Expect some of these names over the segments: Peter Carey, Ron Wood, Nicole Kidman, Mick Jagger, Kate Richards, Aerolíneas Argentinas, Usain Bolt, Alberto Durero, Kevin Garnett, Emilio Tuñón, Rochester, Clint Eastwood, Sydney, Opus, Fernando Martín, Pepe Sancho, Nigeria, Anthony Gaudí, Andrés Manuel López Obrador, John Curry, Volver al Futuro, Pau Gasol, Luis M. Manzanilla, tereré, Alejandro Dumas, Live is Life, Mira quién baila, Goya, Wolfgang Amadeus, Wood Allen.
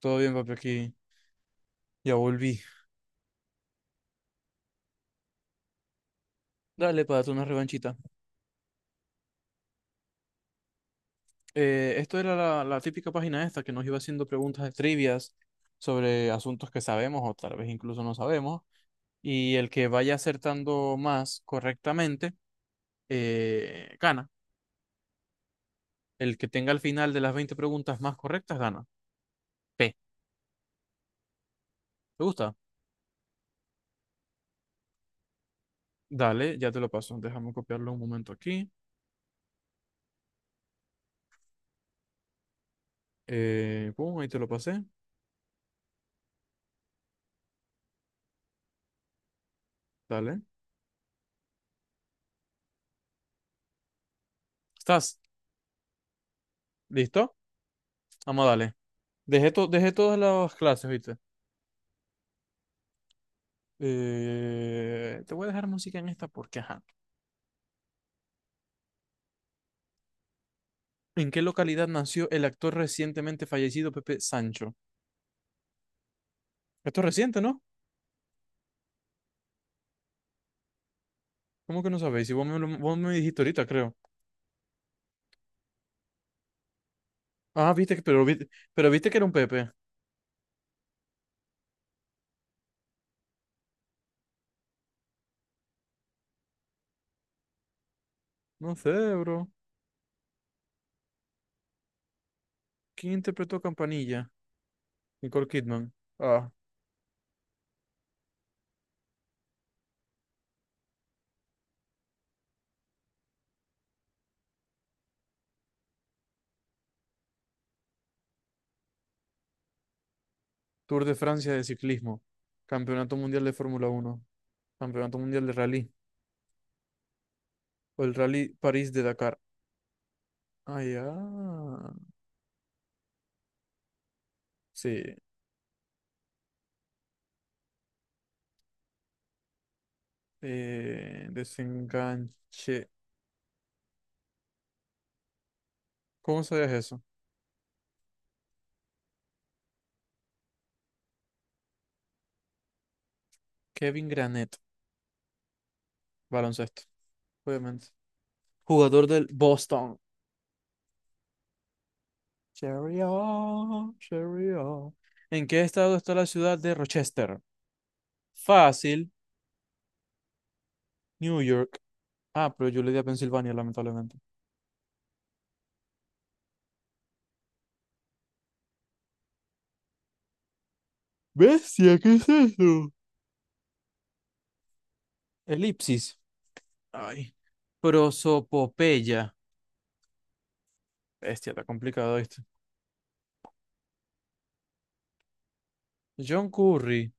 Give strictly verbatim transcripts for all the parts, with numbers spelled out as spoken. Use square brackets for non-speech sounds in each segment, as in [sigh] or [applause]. Todo bien, papi, aquí ya volví. Dale, para darte una revanchita. Eh, esto era la, la típica página esta que nos iba haciendo preguntas de trivias sobre asuntos que sabemos o tal vez incluso no sabemos. Y el que vaya acertando más correctamente, eh, gana. El que tenga al final de las veinte preguntas más correctas, gana. P. ¿Te gusta? Dale, ya te lo paso. Déjame copiarlo un momento aquí. Eh, pum, ahí te lo pasé. Dale. ¿Estás? ¿Listo? Vamos, dale. Dejé, to- dejé todas las clases, ¿viste? Eh, te voy a dejar música en esta porque, ajá. ¿En qué localidad nació el actor recientemente fallecido Pepe Sancho? Esto es reciente, ¿no? ¿Cómo que no sabéis? Si vos me, lo- vos me dijiste ahorita, creo. Ah, viste, que- pero, viste- pero viste que era un Pepe. No sé, bro. ¿Quién interpretó a Campanilla? Nicole Kidman. Ah, Tour de Francia de ciclismo. Campeonato Mundial de Fórmula Uno. Campeonato Mundial de Rally. O el Rally París de Dakar. Ah, ya. Sí. Eh, desenganche. ¿Cómo sabías eso? Kevin Garnett, baloncesto, obviamente. Jugador del Boston. Cherry on, cherry on. ¿En qué estado está la ciudad de Rochester? Fácil, New York. Ah, pero yo le di a Pensilvania, lamentablemente. Bestia, ¿qué es eso? Elipsis. Ay. Prosopopeya. Bestia, está complicado este. John Curry.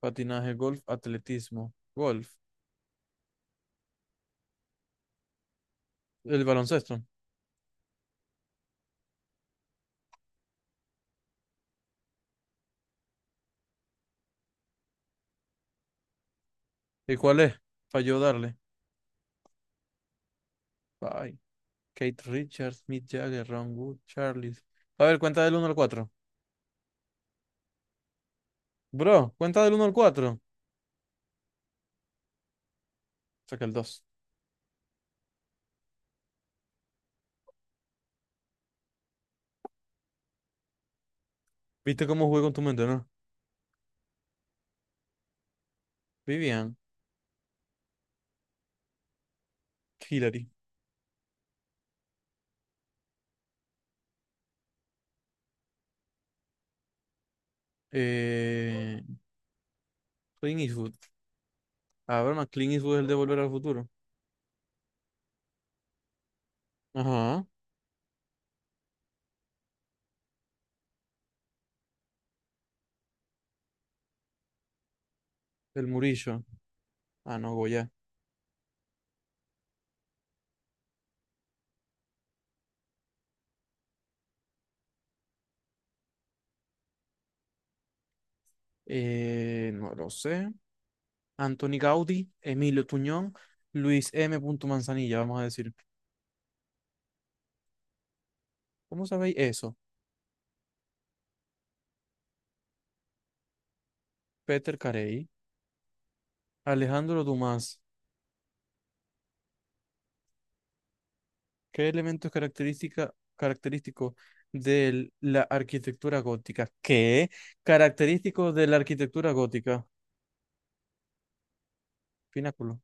Patinaje, golf, atletismo. Golf. El baloncesto. ¿Y cuál es? Falló darle. Bye. Kate Richards, Mick Jagger, Ron Wood, Charles. A ver, cuenta del uno al cuatro. Bro, cuenta del uno al cuatro. Saca el dos. ¿Viste cómo jugué con tu mente, no? Vivian, Hillary, eh, Clint Eastwood. A ver, más Clint Eastwood es el de Volver al Futuro. Ajá. El Murillo. Ah, no, Goya. Eh, no lo sé. Anthony Gaudí, Emilio Tuñón, Luis M. Manzanilla, vamos a decir. ¿Cómo sabéis eso? Peter Carey, Alejandro Dumas. ¿Qué elemento es característica, característico de la arquitectura gótica? ¿Qué? Característico de la arquitectura gótica. Pináculo.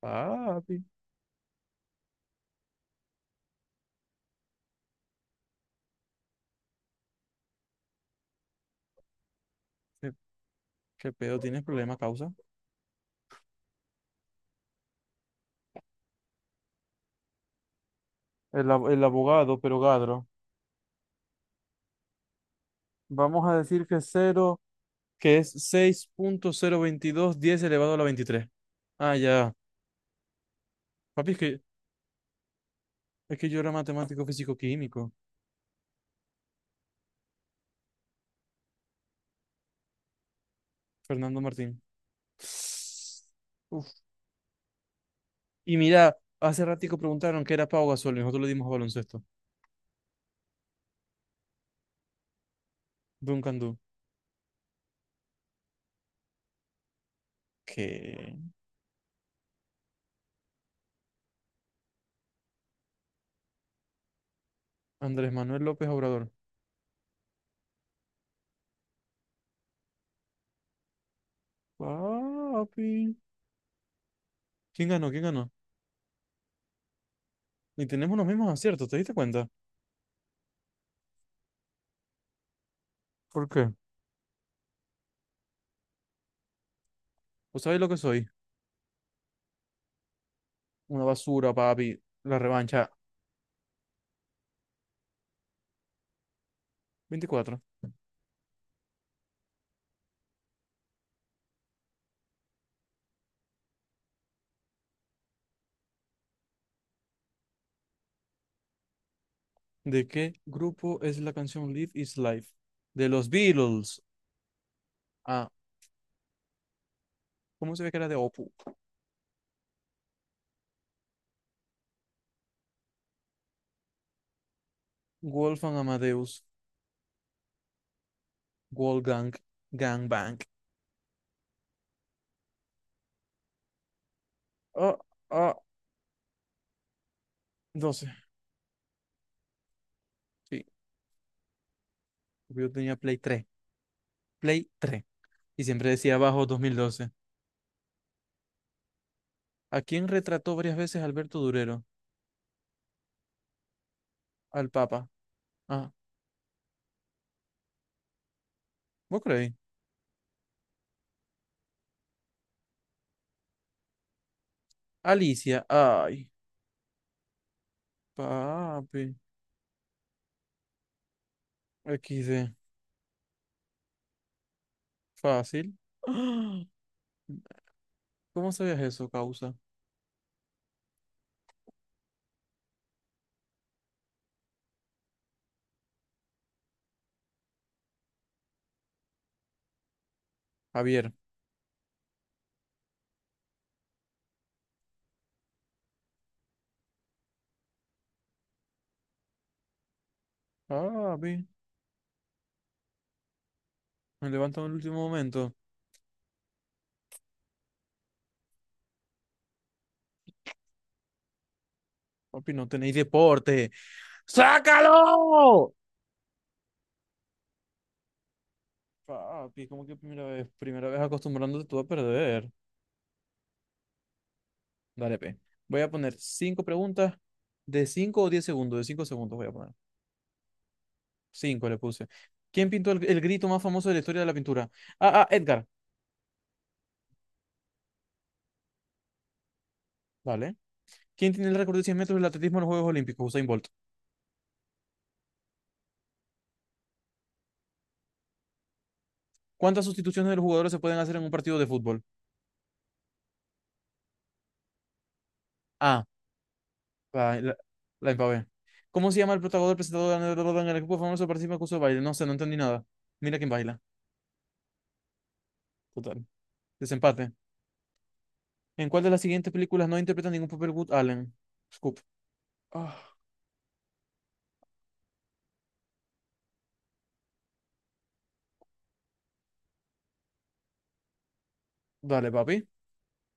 Papi, ¿qué, qué pedo? ¿Tienes problema, causa? El, ab- el abogado, pero Gadro. Vamos a decir que cero, que es seis punto cero veintidós diez elevado a la veintitrés. Ah, ya. Papi, es que, es que yo era matemático físico-químico. Fernando Martín. Uf. Y mira, hace ratico preguntaron qué era Pau Gasol y nosotros le dimos a baloncesto. Duncan Du. ¿Qué? Andrés Manuel López Obrador. Papi. ¿Quién ganó? ¿Quién ganó? Y tenemos los mismos aciertos, ¿te diste cuenta? ¿Por qué? ¿Vos sabés lo que soy? Una basura, papi. La revancha. veinticuatro. ¿De qué grupo es la canción Live is Life? De los Beatles. Ah, ¿cómo se ve que era de Opus? Wolfgang Amadeus. Wolfgang Gangbang. Ah, ah, doce. Sí, porque yo tenía Play tres Play tres Y siempre decía abajo dos mil doce. ¿A quién retrató varias veces Alberto Durero? Al Papa. Ah, ¿vos creéis? Alicia. Ay, papi. X D. Fácil. [gasps] ¡Ah! ¿Cómo sabías eso, causa? Javier. Papi. Me levanto en el último momento. Papi, no tenéis deporte. ¡Sácalo! Papi, ¿cómo que primera vez? Primera vez acostumbrándote tú a perder. Dale, pe. Voy a poner cinco preguntas de cinco o diez segundos. De cinco segundos voy a poner. Cinco le puse. ¿Quién pintó el, el grito más famoso de la historia de la pintura? Ah, ah, Edgar. Vale. ¿Quién tiene el récord de cien metros del atletismo en los Juegos Olímpicos? Usain Bolt. ¿Cuántas sustituciones de los jugadores se pueden hacer en un partido de fútbol? Ah, la, la, la empavé. ¿Cómo se llama el protagonista presentador de en el equipo famoso que participa en el curso de baile? No sé, no entendí nada. Mira quién baila. Total. Desempate. ¿En cuál de las siguientes películas no interpreta ningún papel Wood Allen? Scoop. Ah, dale, papi.